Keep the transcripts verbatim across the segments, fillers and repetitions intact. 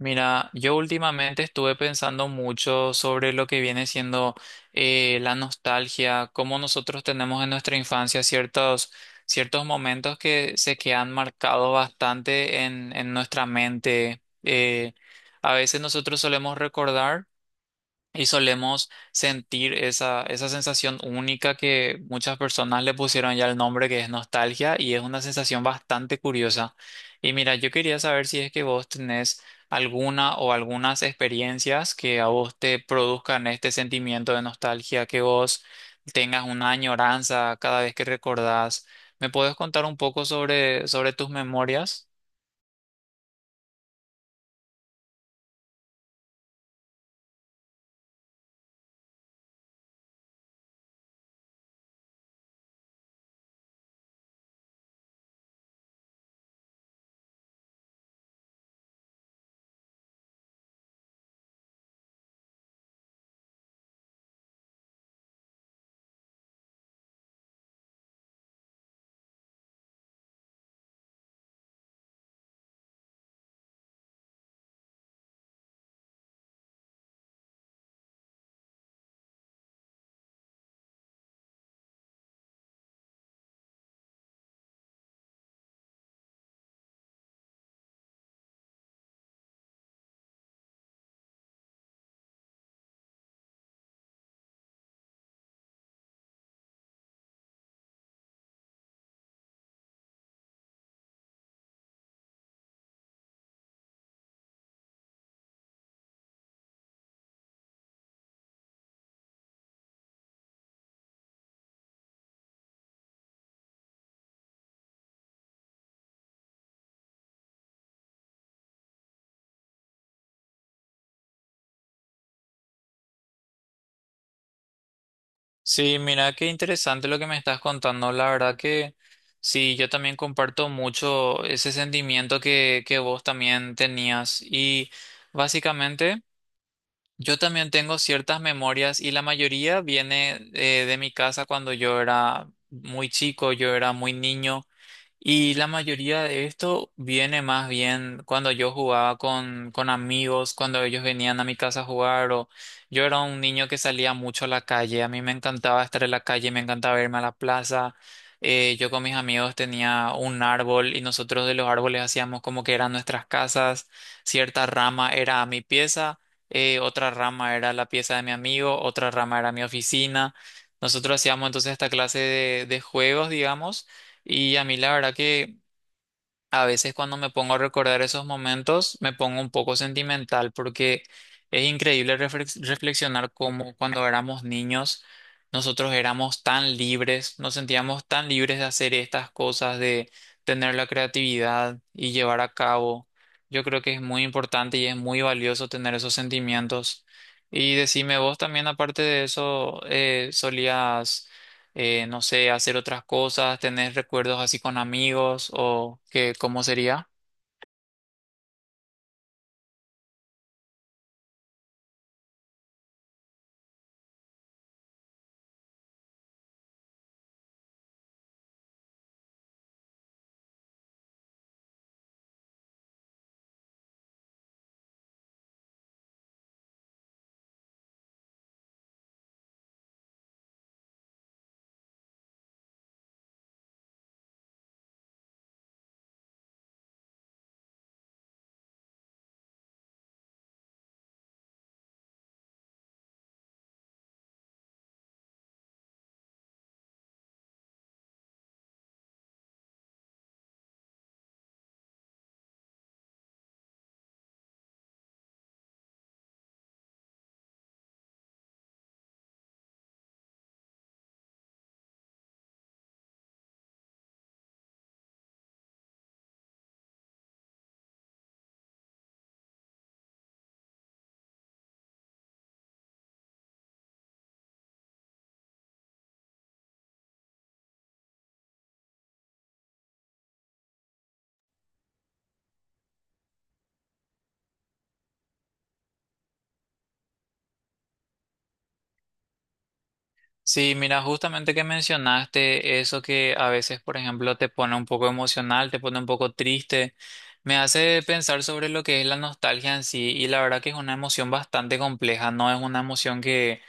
Mira, yo últimamente estuve pensando mucho sobre lo que viene siendo eh, la nostalgia, cómo nosotros tenemos en nuestra infancia ciertos, ciertos momentos que se quedan marcados bastante en, en nuestra mente. Eh, a veces nosotros solemos recordar. Y solemos sentir esa, esa sensación única que muchas personas le pusieron ya el nombre que es nostalgia y es una sensación bastante curiosa. Y mira, yo quería saber si es que vos tenés alguna o algunas experiencias que a vos te produzcan este sentimiento de nostalgia, que vos tengas una añoranza cada vez que recordás. ¿Me puedes contar un poco sobre, sobre tus memorias? Sí, mira qué interesante lo que me estás contando. La verdad que sí, yo también comparto mucho ese sentimiento que, que vos también tenías. Y básicamente yo también tengo ciertas memorias y la mayoría viene eh, de mi casa cuando yo era muy chico, yo era muy niño. Y la mayoría de esto viene más bien cuando yo jugaba con, con amigos, cuando ellos venían a mi casa a jugar, o yo era un niño que salía mucho a la calle, a mí me encantaba estar en la calle, me encantaba irme a la plaza, eh, yo con mis amigos tenía un árbol y nosotros de los árboles hacíamos como que eran nuestras casas, cierta rama era mi pieza, eh, otra rama era la pieza de mi amigo, otra rama era mi oficina, nosotros hacíamos entonces esta clase de de juegos, digamos. Y a mí la verdad que a veces cuando me pongo a recordar esos momentos me pongo un poco sentimental porque es increíble reflex- reflexionar cómo cuando éramos niños nosotros éramos tan libres, nos sentíamos tan libres de hacer estas cosas, de tener la creatividad y llevar a cabo. Yo creo que es muy importante y es muy valioso tener esos sentimientos. Y decime vos también, aparte de eso, eh, solías eh, no sé, hacer otras cosas, tener recuerdos así con amigos o qué, ¿cómo sería? Sí, mira, justamente que mencionaste eso que a veces, por ejemplo, te pone un poco emocional, te pone un poco triste, me hace pensar sobre lo que es la nostalgia en sí y la verdad que es una emoción bastante compleja, no es una emoción que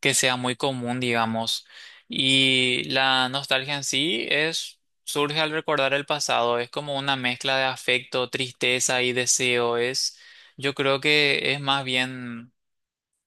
que sea muy común, digamos. Y la nostalgia en sí es, surge al recordar el pasado, es como una mezcla de afecto, tristeza y deseo. Es, yo creo que es más bien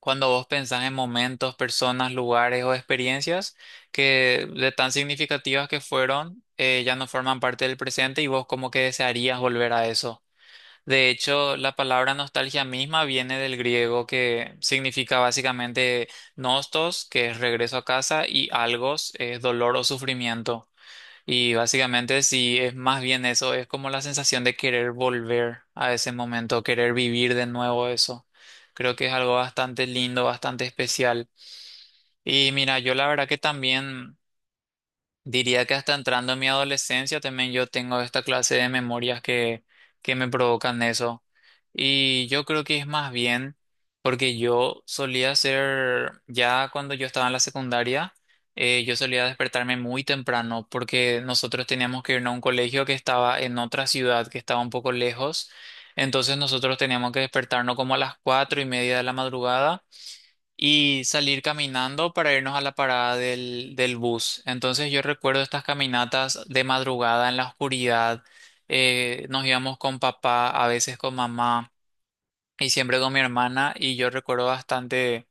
cuando vos pensás en momentos, personas, lugares o experiencias que de tan significativas que fueron, eh, ya no forman parte del presente y vos como que desearías volver a eso. De hecho, la palabra nostalgia misma viene del griego que significa básicamente nostos, que es regreso a casa, y algos, es dolor o sufrimiento. Y básicamente sí, es más bien eso, es como la sensación de querer volver a ese momento, querer vivir de nuevo eso. Creo que es algo bastante lindo, bastante especial. Y mira, yo la verdad que también... Diría que hasta entrando en mi adolescencia también yo tengo esta clase de memorias que, que me provocan eso. Y yo creo que es más bien porque yo solía ser, ya cuando yo estaba en la secundaria, eh, yo solía despertarme muy temprano porque nosotros teníamos que irnos a un colegio que estaba en otra ciudad, que estaba un poco lejos. Entonces nosotros teníamos que despertarnos como a las cuatro y media de la madrugada y salir caminando para irnos a la parada del, del bus. Entonces yo recuerdo estas caminatas de madrugada en la oscuridad. eh, nos íbamos con papá, a veces con mamá y siempre con mi hermana y yo recuerdo bastante...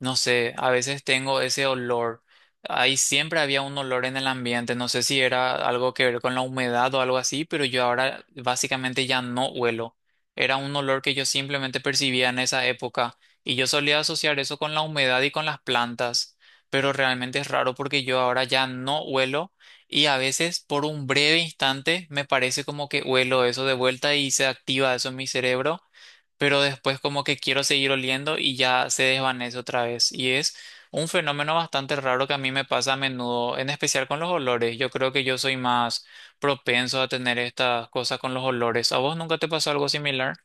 No sé, a veces tengo ese olor. Ahí siempre había un olor en el ambiente. No sé si era algo que ver con la humedad o algo así, pero yo ahora básicamente ya no huelo. Era un olor que yo simplemente percibía en esa época y yo solía asociar eso con la humedad y con las plantas, pero realmente es raro porque yo ahora ya no huelo y a veces por un breve instante me parece como que huelo eso de vuelta y se activa eso en mi cerebro pero después como que quiero seguir oliendo y ya se desvanece otra vez. Y es un fenómeno bastante raro que a mí me pasa a menudo, en especial con los olores. Yo creo que yo soy más propenso a tener estas cosas con los olores. ¿A vos nunca te pasó algo similar?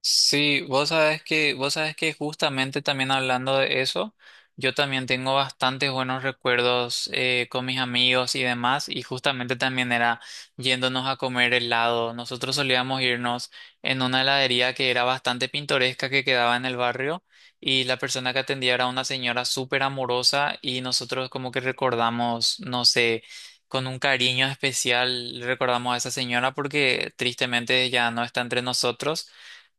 Sí, vos sabés que, vos sabés que justamente también hablando de eso, yo también tengo bastantes buenos recuerdos eh, con mis amigos y demás, y justamente también era yéndonos a comer helado. Nosotros solíamos irnos en una heladería que era bastante pintoresca que quedaba en el barrio, y la persona que atendía era una señora súper amorosa, y nosotros como que recordamos, no sé, con un cariño especial recordamos a esa señora porque tristemente ya no está entre nosotros,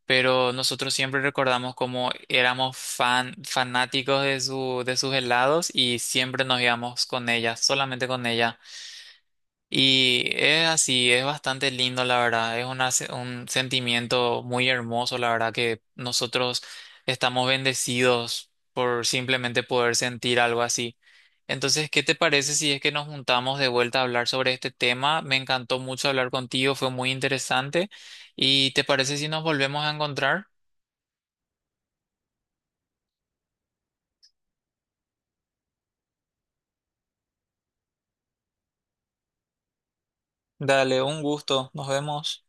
pero nosotros siempre recordamos cómo éramos fan, fanáticos de su, de sus helados y siempre nos íbamos con ella, solamente con ella. Y es así, es bastante lindo, la verdad. Es una se- un sentimiento muy hermoso, la verdad, que nosotros estamos bendecidos por simplemente poder sentir algo así. Entonces, ¿qué te parece si es que nos juntamos de vuelta a hablar sobre este tema? Me encantó mucho hablar contigo, fue muy interesante. ¿Y te parece si nos volvemos a encontrar? Dale, un gusto. Nos vemos.